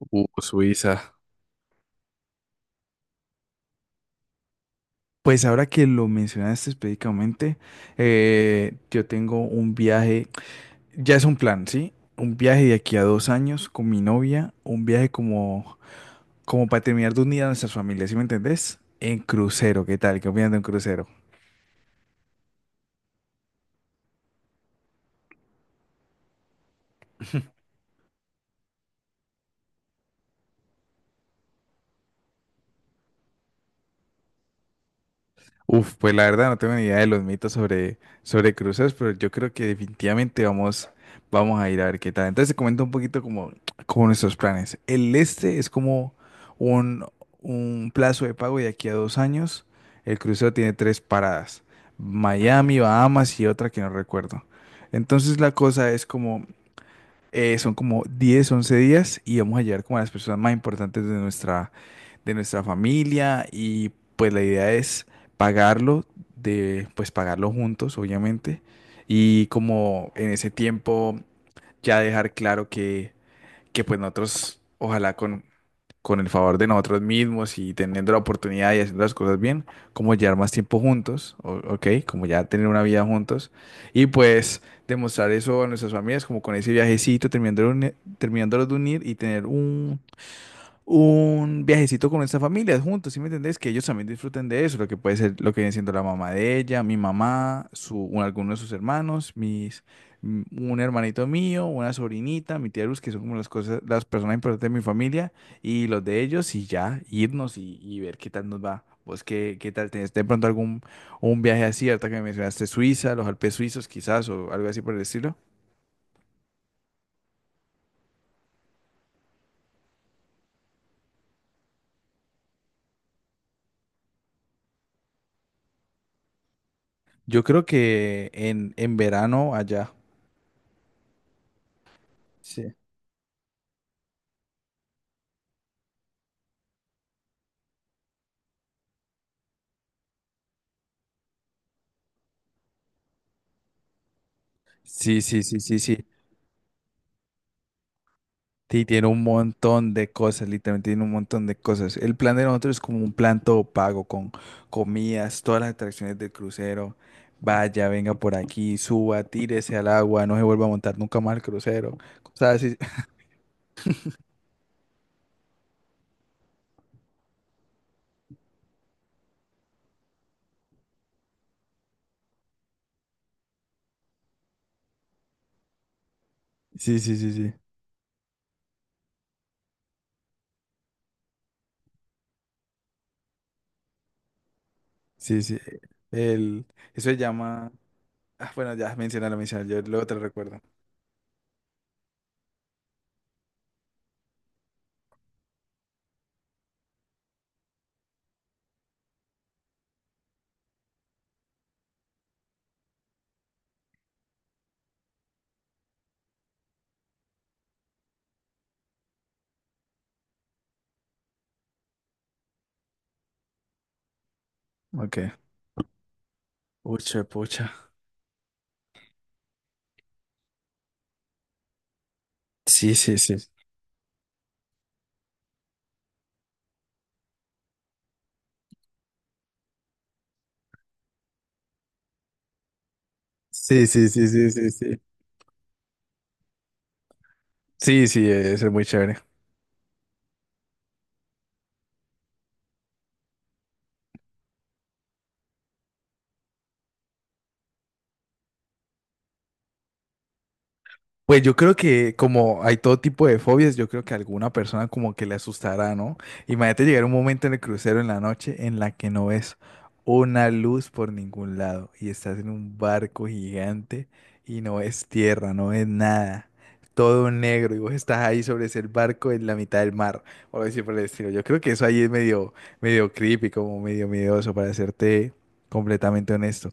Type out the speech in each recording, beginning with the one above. Suiza. Pues ahora que lo mencionaste específicamente, yo tengo un viaje, ya es un plan, ¿sí? Un viaje de aquí a 2 años con mi novia, un viaje como para terminar de unir a nuestras familias, ¿sí me entendés? En crucero, ¿qué tal? ¿Qué opinas de un crucero? Uf, pues la verdad no tengo ni idea de los mitos sobre cruceros, pero yo creo que definitivamente vamos a ir a ver qué tal. Entonces te comento un poquito como nuestros planes. El Este es como un, un plazo de pago de aquí a 2 años. El crucero tiene tres paradas, Miami, Bahamas y otra que no recuerdo. Entonces la cosa es como, son como 10, 11 días y vamos a llegar como a las personas más importantes de nuestra familia y pues la idea es pagarlo, de pues pagarlo juntos, obviamente, y como en ese tiempo ya dejar claro que pues nosotros, ojalá con el favor de nosotros mismos y teniendo la oportunidad y haciendo las cosas bien, como llevar más tiempo juntos, ¿ok? Como ya tener una vida juntos y pues demostrar eso a nuestras familias, como con ese viajecito, terminándolos de unir y tener un viajecito con nuestra familia juntos, ¿sí me entendés? Que ellos también disfruten de eso, lo que puede ser, lo que viene siendo la mamá de ella, mi mamá, alguno de sus hermanos, un hermanito mío, una sobrinita, mi tía Luz, que son como las cosas, las personas importantes de mi familia, y los de ellos, y ya, irnos y, ver qué tal nos va. ¿Vos qué tal tenés de pronto algún un viaje así, ahorita que me mencionaste Suiza, los Alpes suizos quizás, o algo así por el estilo? Yo creo que en verano allá. Sí. Sí, sí, sí, sí, sí. Sí, tiene un montón de cosas, literalmente tiene un montón de cosas. El plan de nosotros es como un plan todo pago con comidas, todas las atracciones del crucero. Vaya, venga por aquí, suba, tírese al agua, no se vuelva a montar nunca más el crucero. Cosas así. Sí, sí, sí, sí. Sí, sí. El, Eso se llama. Ah, bueno, ya mencioné la mencioné, yo luego te lo recuerdo. Ok. Pucha, pucha. Sí, sí, sí. Sí, sí, sí, sí, sí, sí. Sí, sí, eso es muy chévere. Pues yo creo que como hay todo tipo de fobias, yo creo que a alguna persona como que le asustará, ¿no? Imagínate llegar un momento en el crucero en la noche en la que no ves una luz por ningún lado y estás en un barco gigante y no ves tierra, no ves nada, todo negro y vos estás ahí sobre ese barco en la mitad del mar o algo así por el estilo. Yo creo que eso ahí es medio creepy, como medio miedoso para serte completamente honesto.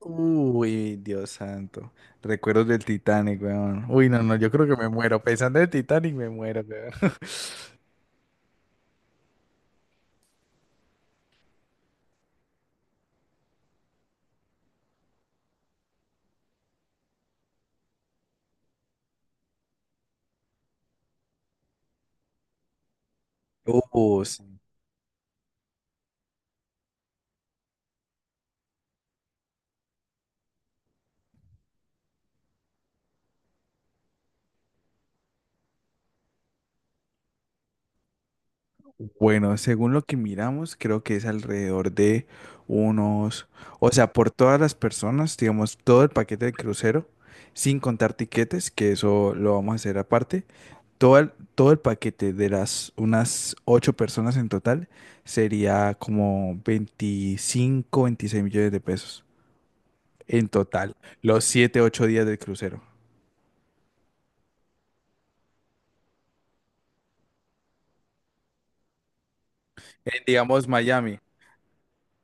Uy, Dios santo. Recuerdos del Titanic, weón. Uy, no, no, yo creo que me muero. Pensando en el Titanic, me muero, weón. Oh, sí. Bueno, según lo que miramos, creo que es alrededor de unos, o sea, por todas las personas, digamos, todo el paquete de crucero, sin contar tiquetes, que eso lo vamos a hacer aparte, todo el paquete de las unas ocho personas en total sería como 25, 26 millones de pesos. En total, los 7, 8 días del crucero. En, digamos, Miami.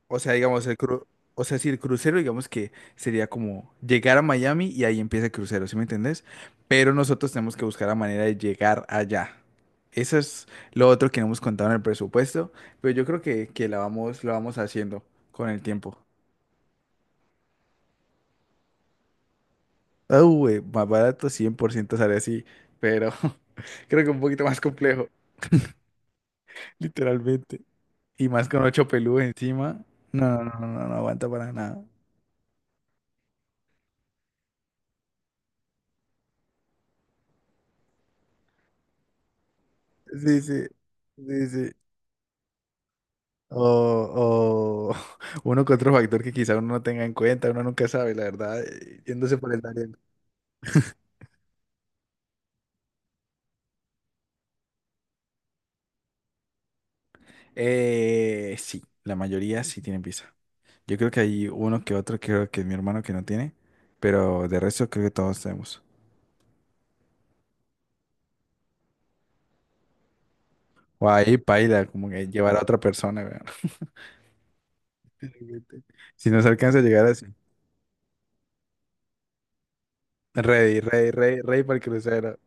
O sea, digamos, o sea, si el crucero, digamos que sería como llegar a Miami y ahí empieza el crucero, ¿sí me entendés? Pero nosotros tenemos que buscar la manera de llegar allá. Eso es lo otro que no hemos contado en el presupuesto, pero yo creo que lo vamos haciendo con el tiempo. Ah, güey, más barato 100% sale así, pero creo que un poquito más complejo, literalmente. Y más con ocho pelús encima. No, no, no, no, no aguanta para nada. Sí, sí, sí, sí. O uno que otro factor que quizá uno no tenga en cuenta, uno nunca sabe, la verdad, yéndose por el talento. Sí, la mayoría sí tienen visa. Yo creo que hay uno que otro, creo que es mi hermano que no tiene, pero de resto creo que todos tenemos. O ahí paila, como que llevar a otra persona, weón. Si nos alcanza a llegar así. Ready, ready, ready, ready para el crucero.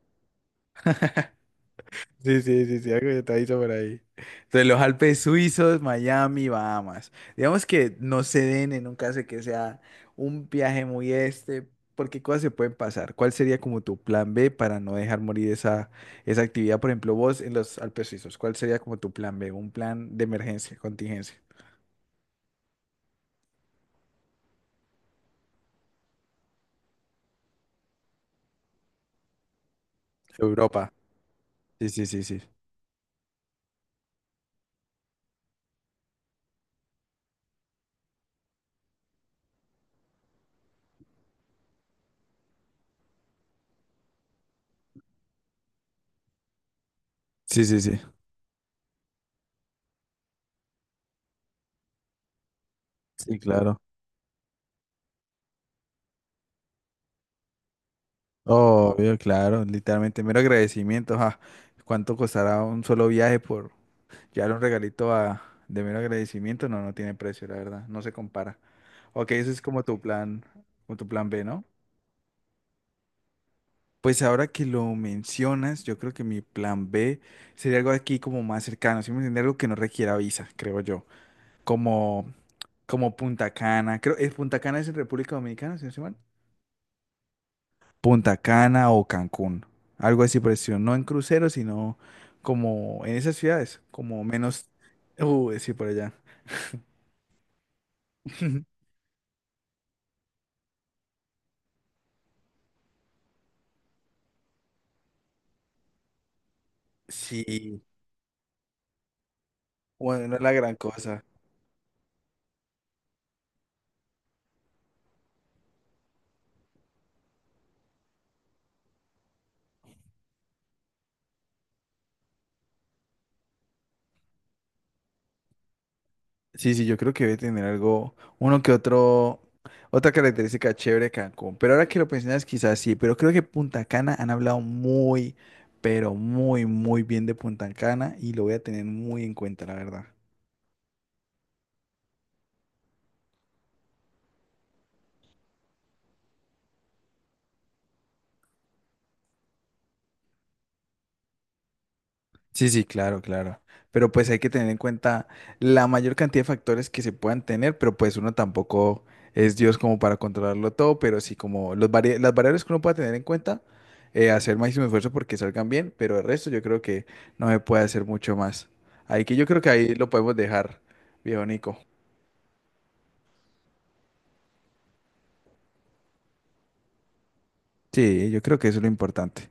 Sí, sí, sí, sí, algo detallito por ahí. Entonces, los Alpes suizos, Miami, Bahamas. Digamos que no se den en un caso de que sea un viaje muy este, porque cosas se pueden pasar. ¿Cuál sería como tu plan B para no dejar morir esa actividad? Por ejemplo, vos en los Alpes suizos, ¿cuál sería como tu plan B? Un plan de emergencia, contingencia. Europa. Sí, sí, sí, sí. Sí, sí, sí. Sí, claro. Obvio, claro, literalmente, mero agradecimiento. ¿Cuánto costará un solo viaje por, ya un regalito a, de mero agradecimiento? No, no tiene precio, la verdad, no se compara. Ok, ese es como tu plan B, ¿no? Pues ahora que lo mencionas, yo creo que mi plan B sería algo aquí como más cercano, ¿sí me entiendes? Algo que no requiera visa, creo yo. Como, como Punta Cana, creo, ¿es Punta Cana es en República Dominicana, si no estoy mal? Punta Cana o Cancún, algo así por el estilo, no en crucero, sino como en esas ciudades, como menos, sí, por allá. Sí, bueno, no es la gran cosa. Sí, sí, yo creo que debe tener algo, uno que otro, otra característica chévere de Cancún. Pero ahora que lo mencionas, quizás sí, pero creo que Punta Cana han hablado muy, pero muy, muy bien de Punta Cana y lo voy a tener muy en cuenta, la verdad. Sí, sí, claro, claro. Pero pues hay que tener en cuenta la mayor cantidad de factores que se puedan tener, pero pues uno tampoco es Dios como para controlarlo todo, pero sí como las variables que uno pueda tener en cuenta, hacer máximo esfuerzo porque salgan bien, pero el resto yo creo que no se puede hacer mucho más. Ahí que yo creo que ahí lo podemos dejar, viejo Nico. Sí, yo creo que eso es lo importante.